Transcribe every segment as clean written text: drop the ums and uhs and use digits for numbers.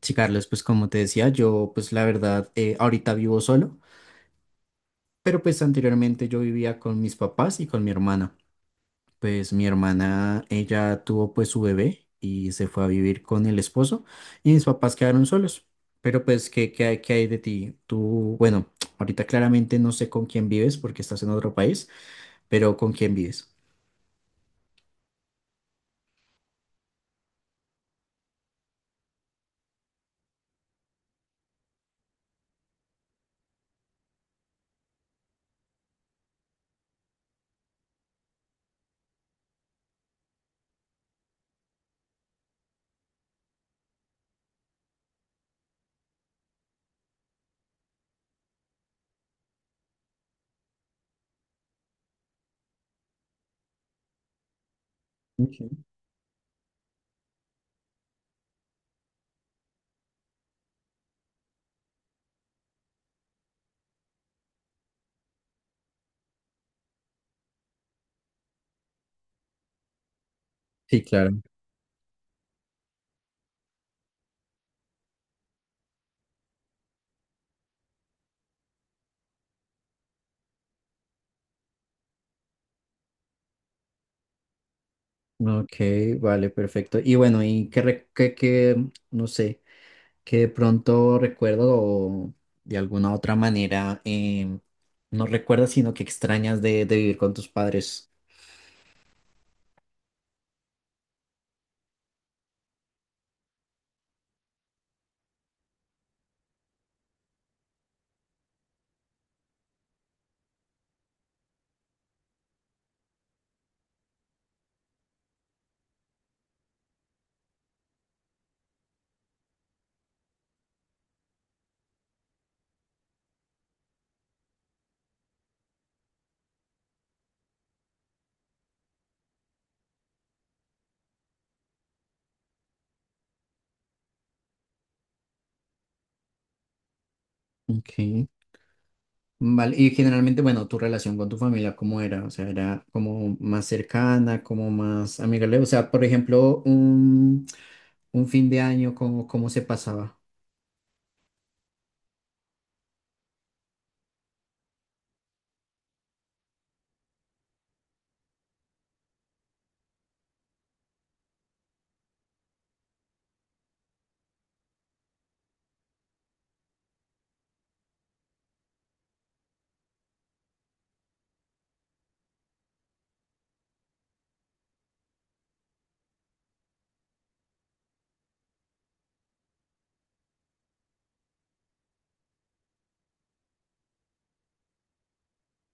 Sí, Carlos, pues como te decía, yo pues la verdad ahorita vivo solo, pero pues anteriormente yo vivía con mis papás y con mi hermana. Pues mi hermana, ella tuvo pues su bebé y se fue a vivir con el esposo y mis papás quedaron solos. Pero pues, ¿qué hay de ti? Tú, bueno, ahorita claramente no sé con quién vives porque estás en otro país, pero ¿con quién vives? Ok. Sí, claro. Ok, vale, perfecto. Y bueno, ¿y qué, re- qué, qué, no sé? Que de pronto recuerdo o de alguna otra manera, no recuerdas, sino que extrañas de vivir con tus padres. Ok. Vale, y generalmente, bueno, tu relación con tu familia, ¿cómo era? O sea, era como más cercana, como más amigable. O sea, por ejemplo, un fin de año, ¿cómo se pasaba?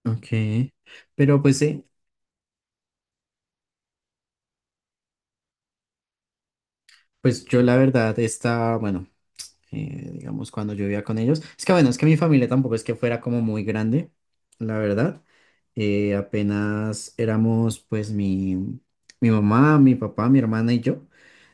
Ok. Pero pues sí, pues yo la verdad estaba, bueno. Digamos, cuando yo vivía con ellos. Es que bueno, es que mi familia tampoco es que fuera como muy grande, la verdad. Apenas éramos pues mi mamá, mi papá, mi hermana y yo,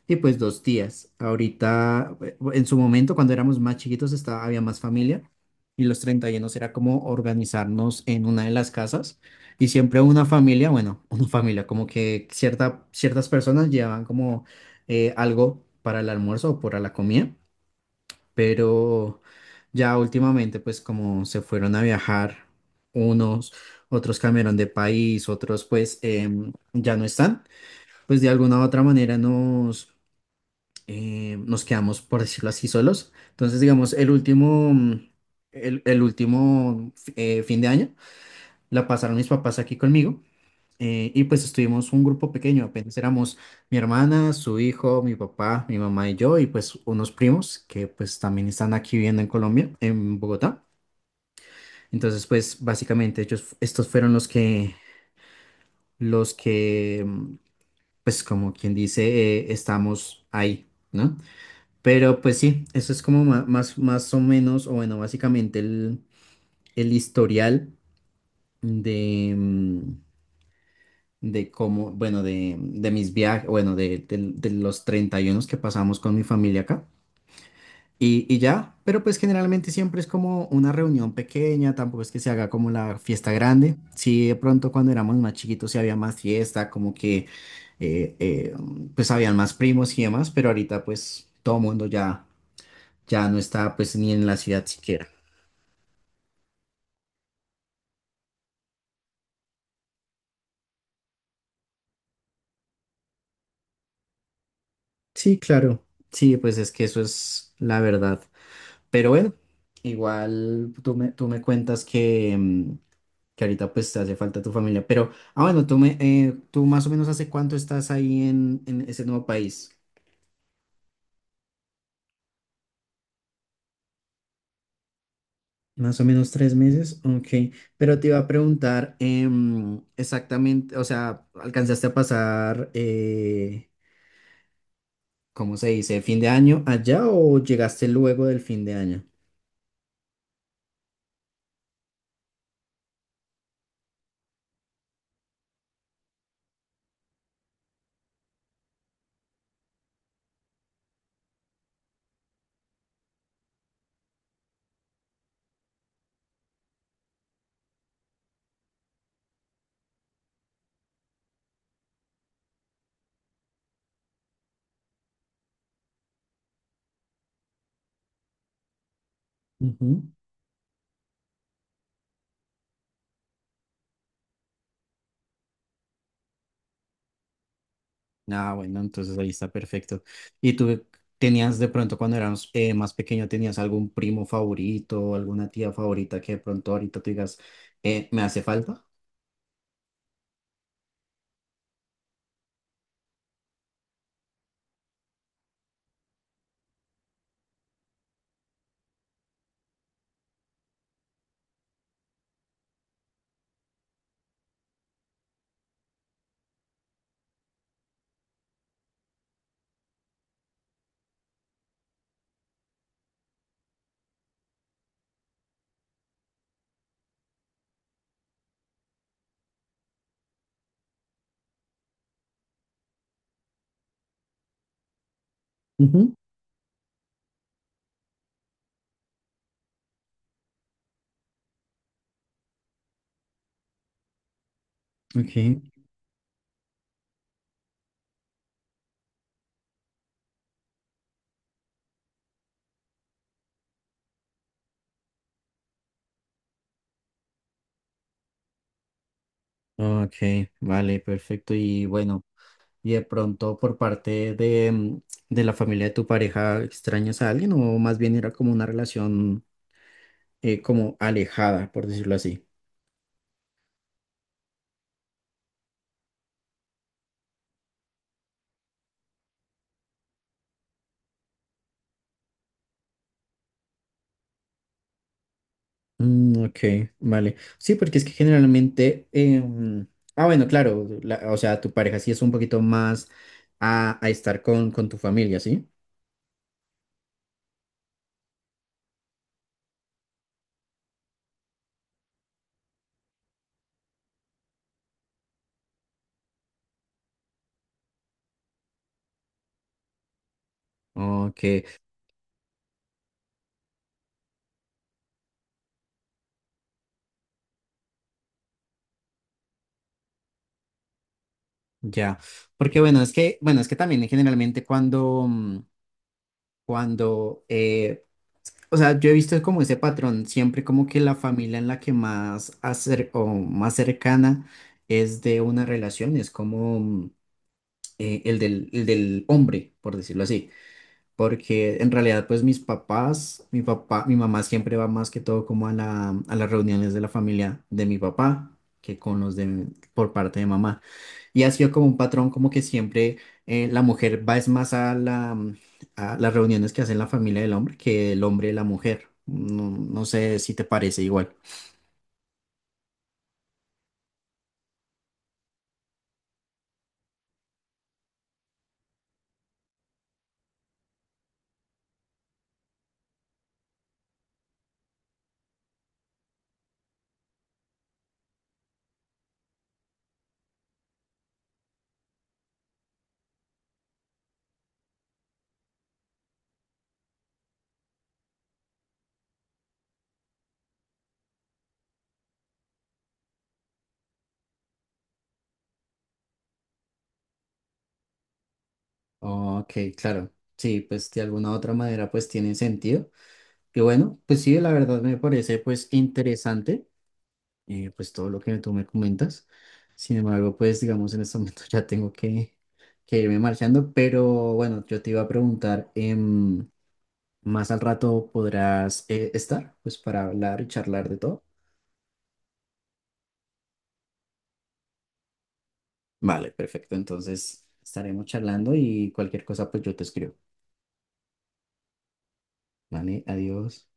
y pues dos tías. Ahorita, en su momento, cuando éramos más chiquitos, estaba, había más familia. Y los 31 era como organizarnos en una de las casas. Y siempre una familia, bueno, una familia, como que ciertas personas llevaban como algo para el almuerzo o para la comida, pero ya últimamente pues como se fueron a viajar unos, otros cambiaron de país, otros pues ya no están, pues de alguna u otra manera nos quedamos, por decirlo así, solos. Entonces digamos, el último fin de año la pasaron mis papás aquí conmigo. Y pues estuvimos un grupo pequeño, apenas éramos mi hermana, su hijo, mi papá, mi mamá y yo, y pues unos primos que pues también están aquí viviendo en Colombia, en Bogotá. Entonces pues básicamente ellos, estos fueron los que, pues como quien dice, estamos ahí, ¿no? Pero pues sí, eso es como más o menos, o bueno, básicamente el historial de de cómo, bueno, de mis viajes, bueno, de los 31 que pasamos con mi familia acá. Y ya, pero pues generalmente siempre es como una reunión pequeña, tampoco es que se haga como la fiesta grande. Sí, de pronto cuando éramos más chiquitos sí había más fiesta, como que eh, eh, pues habían más primos y demás, pero ahorita pues todo mundo ya no está pues ni en la ciudad siquiera. Sí, claro. Sí, pues es que eso es la verdad. Pero bueno, igual tú me cuentas que que ahorita pues te hace falta tu familia. Pero, ah, bueno, tú más o menos hace cuánto estás ahí en ese nuevo país. Más o menos tres meses, ok. Pero te iba a preguntar, exactamente, o sea, ¿alcanzaste a pasar, ¿cómo se dice, fin de año allá o llegaste luego del fin de año? Ah, bueno, entonces ahí está perfecto. ¿Y tú tenías de pronto cuando eras más pequeño, tenías algún primo favorito o alguna tía favorita que de pronto ahorita tú digas, me hace falta? Ujú. Ok, ok, vale, perfecto. Y bueno, ¿y de pronto por parte de de la familia de tu pareja extrañas a alguien o más bien era como una relación como alejada, por decirlo así? Mm, ok, vale. Sí, porque es que generalmente, ah, bueno, claro, o sea, tu pareja sí es un poquito más a estar con tu familia, ¿sí? Ok, ya. Porque bueno, es que también generalmente cuando, eh, o sea, yo he visto como ese patrón, siempre como que la familia en la que más o más cercana es de una relación, es como el del hombre, por decirlo así. Porque en realidad pues mis papás, mi papá, mi mamá siempre va más que todo como a a las reuniones de la familia de mi papá que con los de por parte de mamá. Y ha sido como un patrón como que siempre la mujer va es más a a las reuniones que hace la familia del hombre que el hombre y la mujer. No, no sé si te parece igual. Ok, claro. Sí, pues de alguna u otra manera pues tiene sentido. Y bueno, pues sí, la verdad me parece pues interesante. Pues todo lo que tú me comentas. Sin embargo, pues digamos en este momento ya tengo que irme marchando, pero bueno, yo te iba a preguntar, más al rato podrás estar, pues para hablar y charlar de todo. Vale, perfecto. Entonces estaremos charlando y cualquier cosa, pues yo te escribo. Vale, adiós.